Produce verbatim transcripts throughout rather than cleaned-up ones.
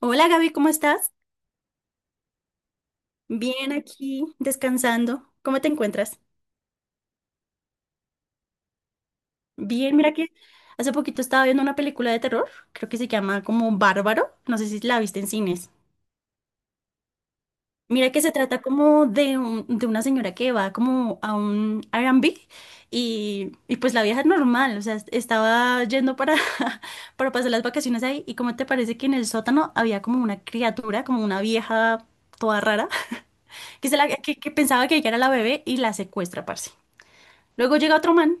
Hola Gaby, ¿cómo estás? Bien aquí, descansando. ¿Cómo te encuentras? Bien, mira que hace poquito estaba viendo una película de terror, creo que se llama como Bárbaro, no sé si la viste en cines. Mira que se trata como de, un- de una señora que va como a un R y B y, y pues la vieja es normal, o sea, estaba yendo para, para pasar las vacaciones ahí y cómo te parece que en el sótano había como una criatura, como una vieja toda rara, que, se la, que, que pensaba que ella era la bebé y la secuestra, parce. Luego llega otro man,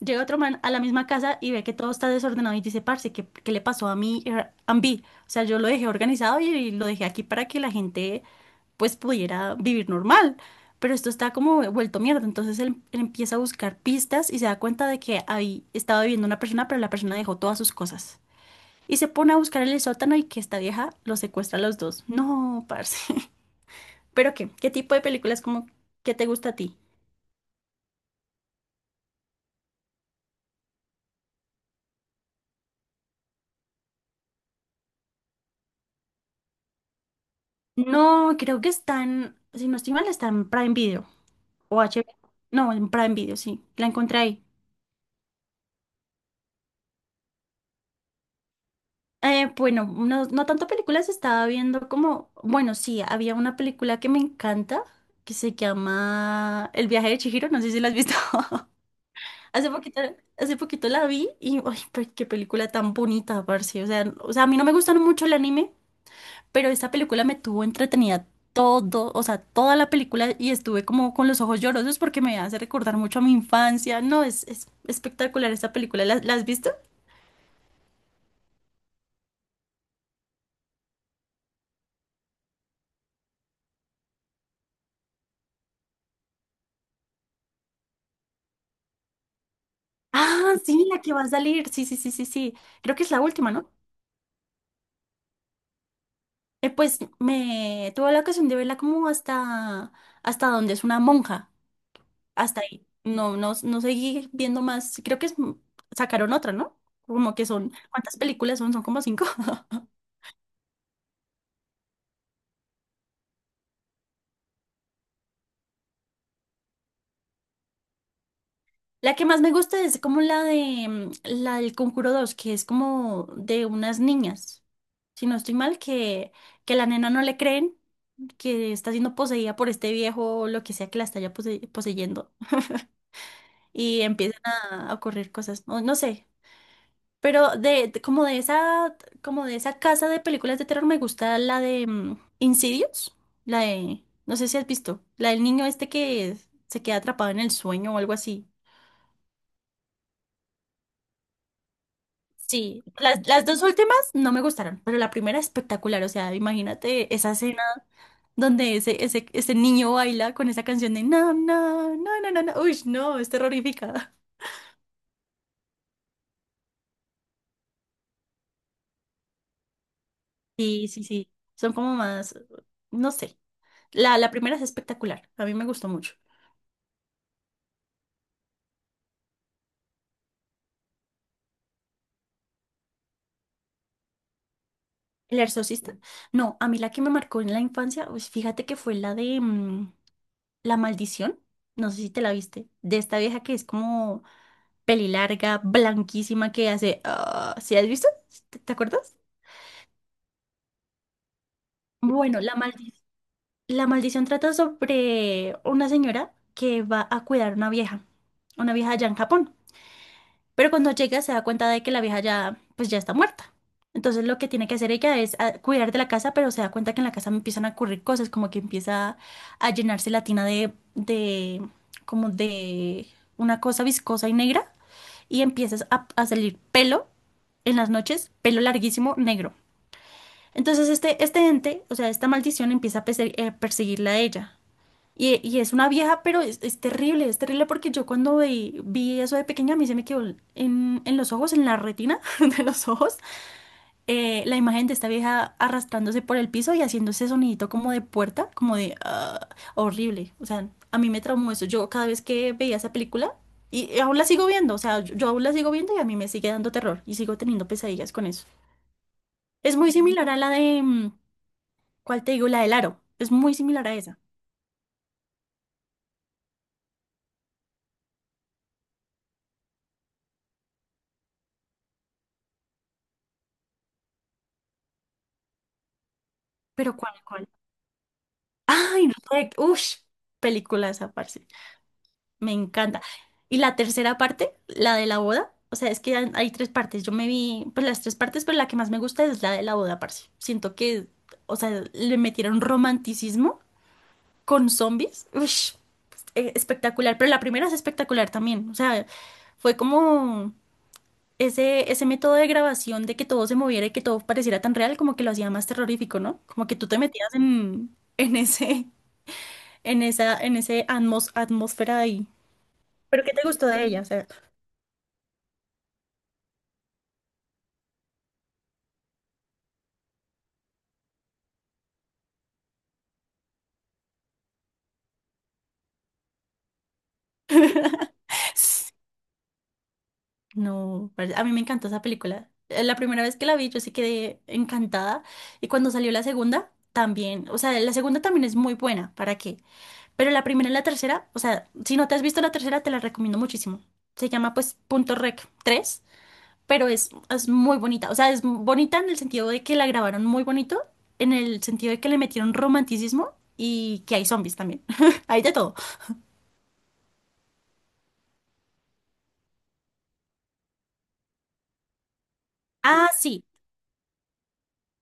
llega otro man a la misma casa y ve que todo está desordenado y dice, parce, ¿qué, qué le pasó a mi Airbnb? O sea, yo lo dejé organizado y, y lo dejé aquí para que la gente pues pudiera vivir normal. Pero esto está como vuelto mierda. Entonces él, él empieza a buscar pistas y se da cuenta de que ahí estaba viviendo una persona, pero la persona dejó todas sus cosas. Y se pone a buscar en el sótano y que esta vieja los secuestra a los dos. No, parce. ¿Pero qué? ¿Qué tipo de películas como que te gusta a ti? No, creo que está en, si no estoy mal, está en Prime Video o H B O. No, en Prime Video, sí, la encontré ahí. Eh, bueno, no, no tanto películas, estaba viendo como, bueno, sí, había una película que me encanta que se llama El viaje de Chihiro, no sé si la has visto. Hace poquito, hace poquito la vi y, ay, pe- qué película tan bonita, parce. O sea, o sea, a mí no me gustan mucho el anime, pero esta película me tuvo entretenida todo, o sea, toda la película y estuve como con los ojos llorosos porque me hace recordar mucho a mi infancia. No, es, es espectacular esta película. ¿La, la has visto? Ah, sí, la que va a salir. Sí, sí, sí, sí, sí. Creo que es la última, ¿no? Eh, pues me tuve la ocasión de verla como hasta, hasta donde es una monja. Hasta ahí. No, no, no seguí viendo más. Creo que es- sacaron otra, ¿no? Como que son, ¿cuántas películas son? Son como cinco. La que más me gusta es como la de mm, la del Conjuro Dos, que es como de unas niñas, si no estoy mal, que, que la nena no le creen, que está siendo poseída por este viejo o lo que sea que la está ya pose- poseyendo y empiezan a a ocurrir cosas, no, no sé. Pero de, de- como de esa como de esa casa de películas de terror me gusta la de mm, Insidious, la de no sé si has visto, la del niño este que se queda atrapado en el sueño o algo así. Sí, las, las dos últimas no me gustaron, pero la primera espectacular, o sea, imagínate esa escena donde ese, ese, ese niño baila con esa canción de no, no, no, no, no, no, uy, no, es terrorífica. Sí, sí, sí, son como más, no sé, la, la primera es espectacular, a mí me gustó mucho. El exorcista, no, a mí la que me marcó en la infancia, pues fíjate que fue la de mm, La Maldición, no sé si te la viste, de esta vieja que es como peli larga, blanquísima, que hace... ah, ¿sí has visto? ¿Te, te acuerdas? Bueno, la maldi- la maldición trata sobre una señora que va a cuidar una vieja, una vieja allá en Japón. Pero cuando llega se da cuenta de que la vieja ya, pues ya está muerta. Entonces lo que tiene que hacer ella es ah, cuidar de la casa, pero se da cuenta que en la casa empiezan a ocurrir cosas, como que empieza a llenarse la tina de, de, como de una cosa viscosa y negra y empiezas a, a salir pelo en las noches, pelo larguísimo, negro. Entonces este, este ente, o sea, esta maldición empieza a perse- eh, perseguirla a ella. Y, y es una vieja, pero es, es terrible, es terrible porque yo cuando vi, vi eso de pequeña, a mí se me quedó en, en los ojos, en la retina de los ojos, eh, la imagen de esta vieja arrastrándose por el piso y haciendo ese sonidito como de puerta, como de ah, horrible. O sea, a mí me traumó eso. Yo cada vez que veía esa película, y, aún la sigo viendo, o sea, yo, yo aún la sigo viendo y a mí me sigue dando terror y sigo teniendo pesadillas con eso. Es muy similar a la de, mm, ¿cuál te digo? La del Aro. Es muy similar a esa. Pero ¿cuál, cuál? Ay, Rec. Ush, película esa parte. Me encanta. Y la tercera parte, la de la boda. O sea, es que hay hay tres partes. Yo me vi, pues las tres partes, pero la que más me gusta es la de la boda, parce. Siento que, o sea, le metieron romanticismo con zombies. Ush, eh, espectacular. Pero la primera es espectacular también. O sea, fue como Ese, ese método de grabación de que todo se moviera y que todo pareciera tan real, como que lo hacía más terrorífico, ¿no? Como que tú te metías en, en ese, en esa, en ese atmos- atmósfera de ahí. ¿Pero qué te gustó de ella? O sea, no, pare- a mí me encantó esa película. Eh, La primera vez que la vi, yo sí quedé encantada. Y cuando salió la segunda, también. O sea, la segunda también es muy buena, ¿para qué? Pero la primera y la tercera, o sea, si no te has visto la tercera, te la recomiendo muchísimo. Se llama pues Punto Rec tres, pero es, es muy bonita. O sea, es bonita en el sentido de que la grabaron muy bonito, en el sentido de que le metieron romanticismo y que hay zombies también. Hay de todo. Ah, sí.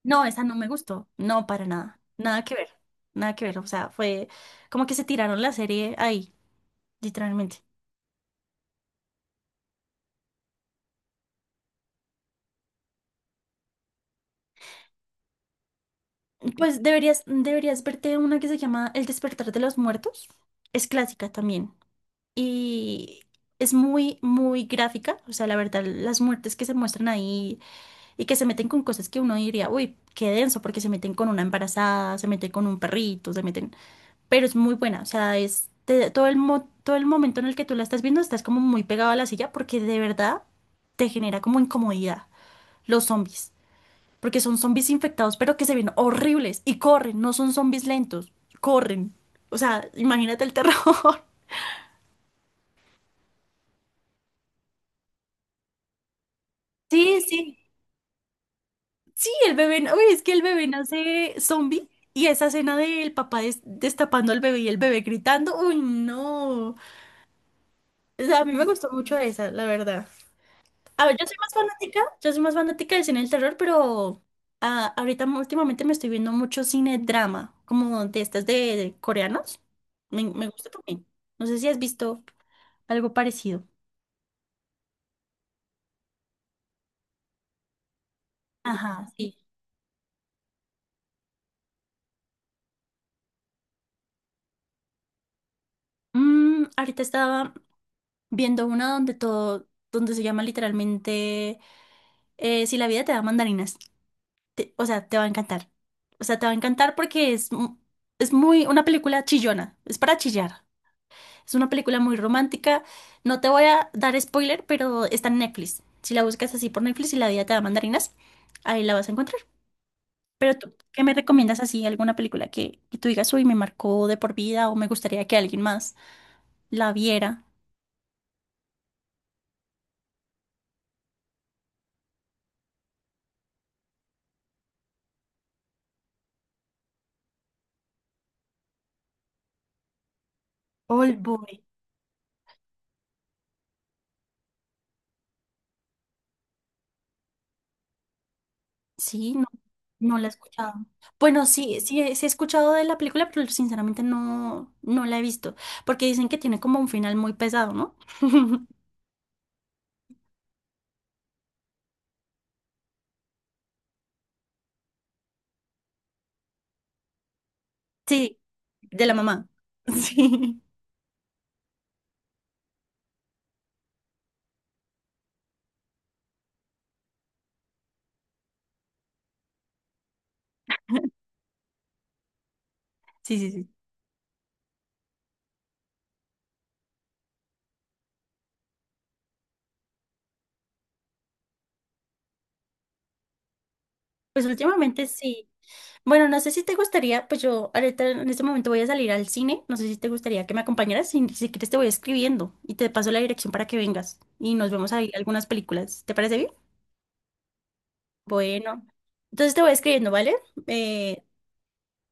No, esa no me gustó. No, para nada. Nada que ver. Nada que ver. O sea, fue como que se tiraron la serie ahí, literalmente. Pues deberías, deberías verte una que se llama El despertar de los muertos. Es clásica también. Y es muy, muy gráfica. O sea, la verdad, las muertes que se muestran ahí y que se meten con cosas que uno diría, uy, qué denso, porque se meten con una embarazada, se meten con un perrito, se meten, pero es muy buena, o sea, es te- todo el mo- todo el momento en el que tú la estás viendo estás como muy pegado a la silla porque de verdad te genera como incomodidad los zombies, porque son zombies infectados, pero que se ven horribles y corren, no son zombies lentos, corren. O sea, imagínate el terror. Sí, sí. Sí, el bebé, uy, es que el bebé nace zombie y esa escena del papá des- destapando al bebé y el bebé gritando, uy, no. O sea, a mí me gustó mucho esa, la verdad. A ver, yo soy más fanática, yo soy más fanática del cine del terror, pero ah, ahorita m- últimamente me estoy viendo mucho cine drama, como de estas de, de coreanos. Me, me gusta también. No sé si has visto algo parecido. Ajá, sí. Mm, ahorita estaba, viendo una donde todo, donde se llama literalmente eh, Si la vida te da mandarinas. Te- o sea, te va a encantar. O sea, te va a encantar porque es, mu- es muy una película chillona, es para chillar. Es una película muy romántica. No te voy a dar spoiler, pero está en Netflix. Si la buscas así por Netflix y la vida te da mandarinas, ahí la vas a encontrar. Pero tú, ¿qué me recomiendas así? ¿Alguna película que, que tú digas, uy, me marcó de por vida o me gustaría que alguien más la viera? Old Boy. Sí, no, no la he escuchado. Bueno, sí, sí, he- sí he escuchado de la película, pero sinceramente no, no la he visto, porque dicen que tiene como un final muy pesado, ¿no? Sí, de la mamá. Sí. Sí, sí, sí. Pues últimamente sí. Bueno, no sé si te gustaría, pues yo ahorita en este momento voy a salir al cine, no sé si te gustaría que me acompañaras, si, si quieres te voy escribiendo y te paso la dirección para que vengas y nos vemos ahí algunas películas. ¿Te parece bien? Bueno, entonces te voy escribiendo, ¿vale? Eh,